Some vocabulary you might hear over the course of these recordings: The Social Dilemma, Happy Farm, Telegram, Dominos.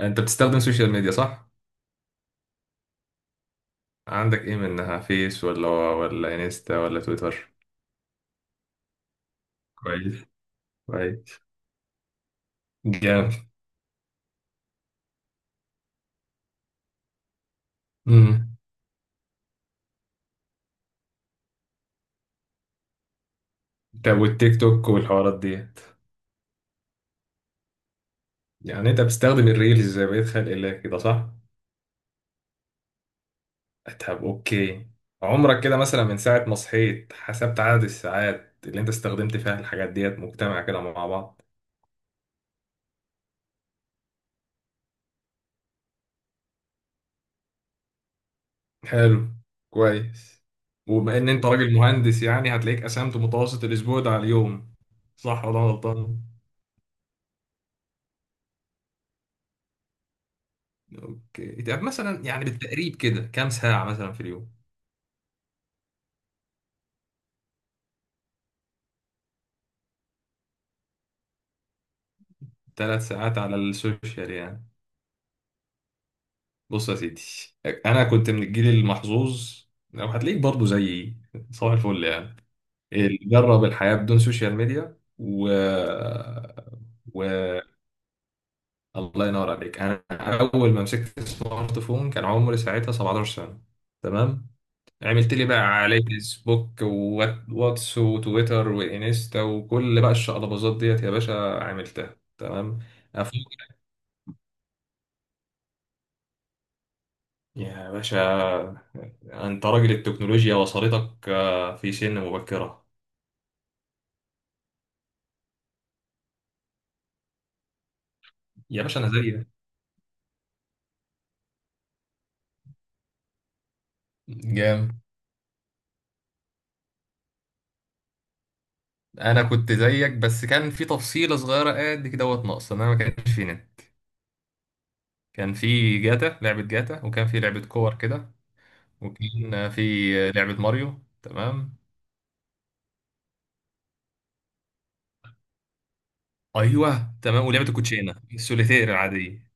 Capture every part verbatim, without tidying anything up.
انت بتستخدم سوشيال ميديا صح؟ عندك ايه منها فيس ولا ولا انستا ولا تويتر. كويس. كويس. جامد. امم طب والتيك توك والحوارات ديت؟ يعني انت بتستخدم الريلز زي بقية خلق الله كده صح؟ طب اوكي. عمرك كده مثلا من ساعة ما صحيت حسبت عدد الساعات اللي انت استخدمت فيها الحاجات ديت مجتمع كده مع بعض؟ حلو. كويس. وبما ان انت راجل مهندس يعني هتلاقيك قسمت متوسط الاسبوع ده على اليوم، صح ولا أنا غلطان؟ اوكي، طب مثلا يعني بالتقريب كده كام ساعة مثلا في اليوم؟ ثلاث ساعات على السوشيال يعني. بص يا سيدي، انا كنت من الجيل المحظوظ. لو هتلاقيك برضه زيي، صباح الفل يعني. اللي جرب الحياة بدون سوشيال ميديا و... و الله ينور عليك. انا اول ما مسكت السمارت فون كان عمري ساعتها سبعة عشر سنة، تمام. عملت لي بقى على فيسبوك وواتس وتويتر وانستا وكل بقى الشقلباظات ديت يا باشا، عملتها تمام. أفوق يا باشا، انت راجل التكنولوجيا وصلتك آه، في سن مبكرة. يا باشا انا زيك. جامد. انا كنت زيك بس كان في تفصيله صغيره قد كده دوت ناقصه، ان انا ما كانش في نت. كان في جاتا، لعبه جاتا، وكان في لعبه كور كده، وكان في لعبه ماريو تمام. ايوه تمام، ولعبه الكوتشينه السوليتير العاديه.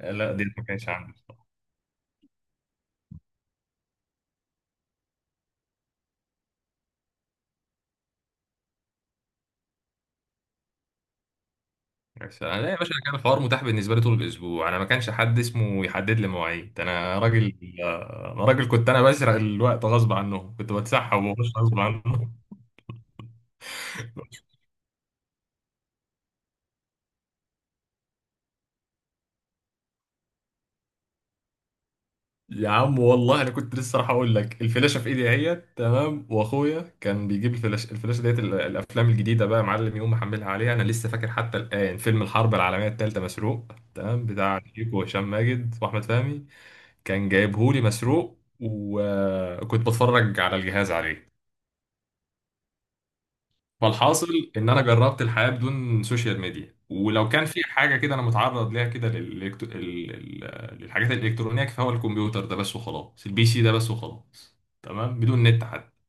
آه، لا دي ما كانش عندي بصراحة. بس انا لا يا باشا، أنا كان الحوار متاح بالنسبه لي طول الاسبوع، انا ما كانش حد اسمه يحدد لي مواعيد. انا راجل انا راجل كنت انا بسرق الوقت غصب عنه، كنت بتسحب وبخش غصب عنه. يا عم والله انا كنت لسه راح اقول لك الفلاشه في ايدي اهيت تمام، واخويا كان بيجيب الفلاشه، الفلاشه ديت ال- الافلام الجديده بقى يا معلم يقوم محملها عليها. انا لسه فاكر حتى الان فيلم الحرب العالميه الثالثه مسروق تمام، بتاع شيكو وهشام ماجد واحمد فهمي، كان جايبهولي مسروق وكنت بتفرج على الجهاز عليه. فالحاصل ان انا جربت الحياه بدون سوشيال ميديا، ولو كان في حاجه كده انا متعرض ليها كده للإلكت- ال- ال- للحاجات الالكترونيه، فهو الكمبيوتر ده بس وخلاص، البي سي ده بس وخلاص. تمام بدون نت حتى.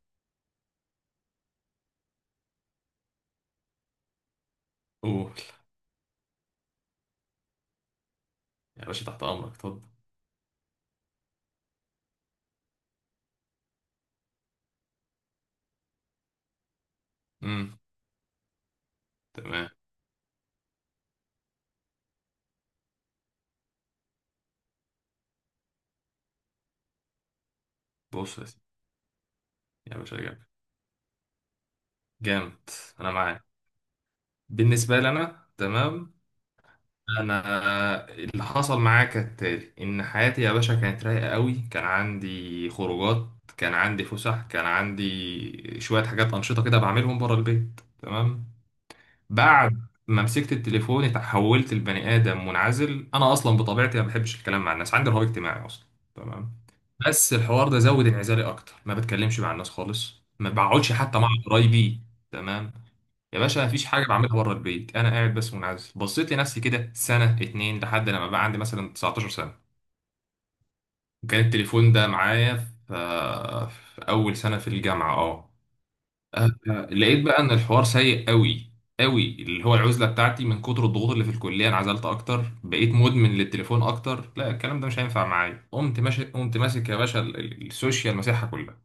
اوه. يا باشا تحت امرك، اتفضل. امم تمام. بص يا سيدي. يا باشا جامد. جامد. انا معاك. بالنسبه لي انا تمام. انا اللي حصل معايا كالتالي، ان حياتي يا باشا كانت رايقه قوي، كان عندي خروجات، كان عندي فسح، كان عندي شويه حاجات انشطه كده بعملهم بره البيت تمام. بعد ما مسكت التليفون اتحولت لبني ادم منعزل. انا اصلا بطبيعتي ما بحبش الكلام مع الناس، عندي رهاب اجتماعي اصلا، تمام. بس الحوار ده زود انعزالي اكتر، ما بتكلمش مع الناس خالص، ما بقعدش حتى مع قرايبي، تمام. يا باشا مفيش حاجه بعملها بره البيت، انا قاعد بس منعزل، بصيت لنفسي كده سنه اتنين لحد لما بقى عندي مثلا تسعتاشر سنه. كان التليفون ده معايا في, في اول سنه في الجامعه، اه. آه، لقيت بقى ان الحوار سيء قوي قوي، اللي هو العزله بتاعتي من كتر الضغوط اللي في الكليه انعزلت اكتر، بقيت مدمن للتليفون اكتر. لا الكلام ده مش هينفع معايا، قمت ماشي قمت ماسك يا باشا ال- ال- السوشيال مساحه كلها.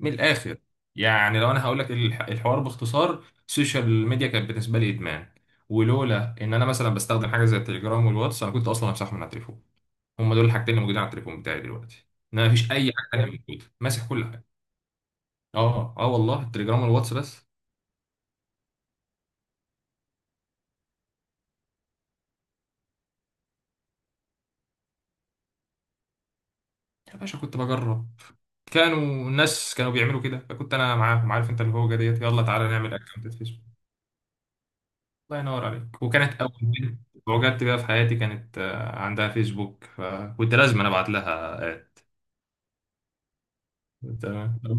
من الاخر يعني لو انا هقول لك الح- الحوار باختصار، السوشيال ميديا كانت بالنسبه لي ادمان. ولولا ان انا مثلا بستخدم حاجه زي التليجرام والواتس انا كنت اصلا همسحهم من على التليفون. هم دول الحاجتين اللي موجودين على التليفون بتاعي دلوقتي. انا مفيش اي حاجه تانيه موجوده، ماسح كل حاجه. اه اه والله التليجرام والواتس بس. يا باشا كنت بجرب. كانوا الناس كانوا بيعملوا كده، فكنت انا معاهم، عارف انت اللي هو ديت يلا تعالى نعمل اكونت فيسبوك. الله ينور عليك. وكانت اول بنت وجدت بيها في حياتي كانت، آه، عندها فيسبوك، فكنت لازم انا ابعت لها، آه. تمام، طب،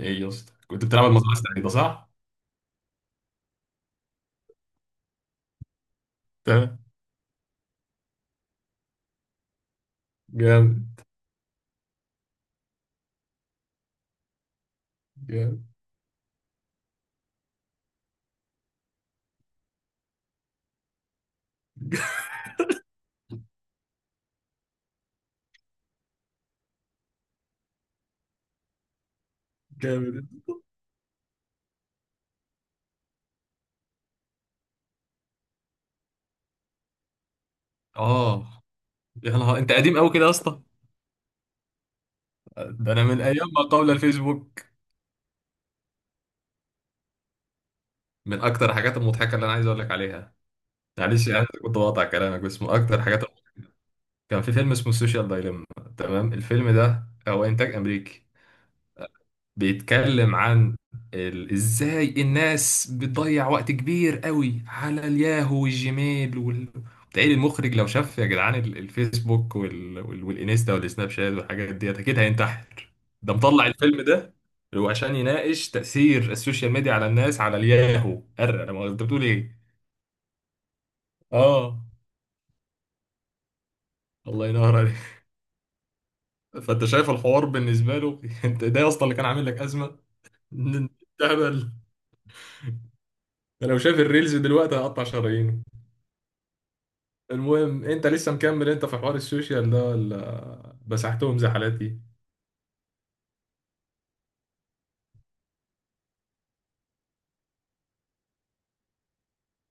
ايه يا اسطى كنت بتلعب المزرعه السعيده صح؟ تمام. جامد. جامد. جامد. اه. يا نهار انت قديم قوي كده يا اسطى، ده انا من ايام ما قبل الفيسبوك. من اكتر الحاجات المضحكه اللي انا عايز اقول لك عليها، معلش يعني كنت بقطع كلامك، بس من اكتر الحاجات، كان في فيلم اسمه السوشيال دايليما، تمام. الفيلم ده هو انتاج امريكي، بيتكلم عن ال... ازاي الناس بتضيع وقت كبير قوي على الياهو والجيميل وال... تقريبا المخرج لو شاف يا جدعان ال- الفيسبوك وال... وال... والانستا والسناب شات والحاجات ديت اكيد هينتحر. ده مطلع الفيلم ده، هو عشان يناقش تأثير السوشيال ميديا على الناس على الياهو، أرى انا ما انت بتقول ايه. اه الله ينور عليك. فانت شايف الحوار بالنسبه له، انت ده اصلا اللي كان عامل لك ازمه. إن- إن- تهبل. ده لو شاف الريلز دلوقتي هقطع شرايينه. المهم انت لسه مكمل انت في حوار السوشيال ده ولا مسحتهم زحلاتي؟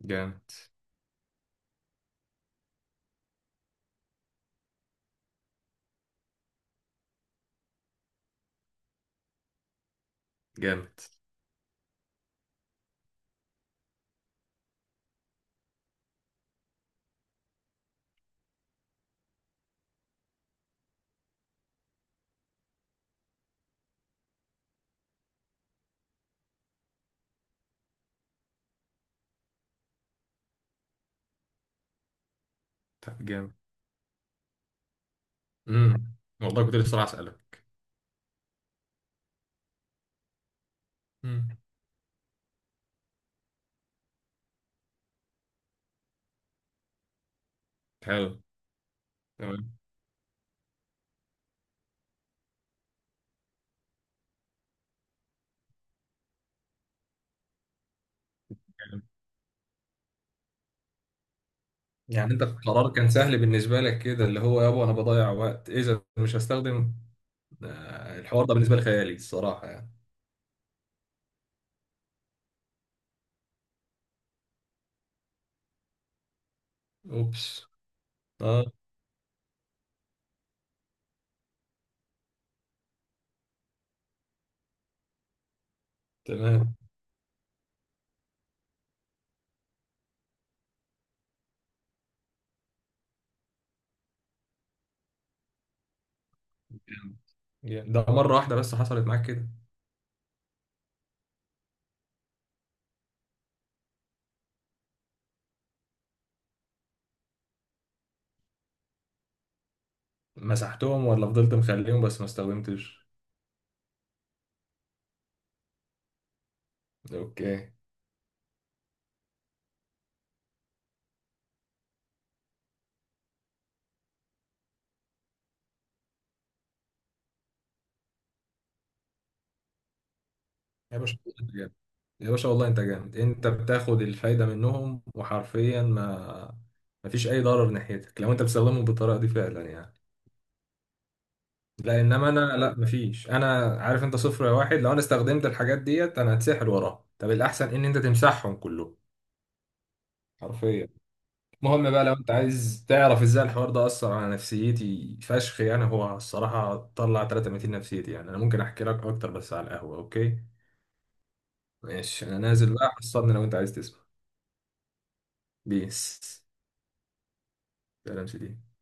جامد. جامد. جامد. امم والله كنت لسه راح اسالك. امم. حلو. تمام. يعني انت القرار كان سهل بالنسبه لك كده، اللي هو يابا انا بضيع وقت اذا مش هستخدم. آه، الحوار ده بالنسبه لي خيالي الصراحه يعني. اوبس. اه. تمام. جامد. جامد. ده مره واحده بس حصلت معاك كده؟ مسحتهم ولا فضلت مخليهم بس ما استخدمتش؟ اوكي. يا باشا والله انت جامد. يا باشا والله انت جامد، انت بتاخد الفايده منهم وحرفيا ما ما فيش اي ضرر ناحيتك لو انت بتستخدمهم بالطريقه دي فعلا يعني. لا انما انا لا ما فيش، انا عارف انت صفر يا واحد، لو انا استخدمت الحاجات ديت انا هتسحل وراها، طب الاحسن ان انت تمسحهم كلهم حرفيا. المهم بقى لو انت عايز تعرف ازاي الحوار ده اثر على نفسيتي فشخ، يعني هو الصراحه طلع تلتمية نفسيتي، يعني انا ممكن احكي لك اكتر بس على القهوه، اوكي؟ ماشي انا نازل بقى، حصلني لو انت عايز تسمع. بيس. لا لا مش دي.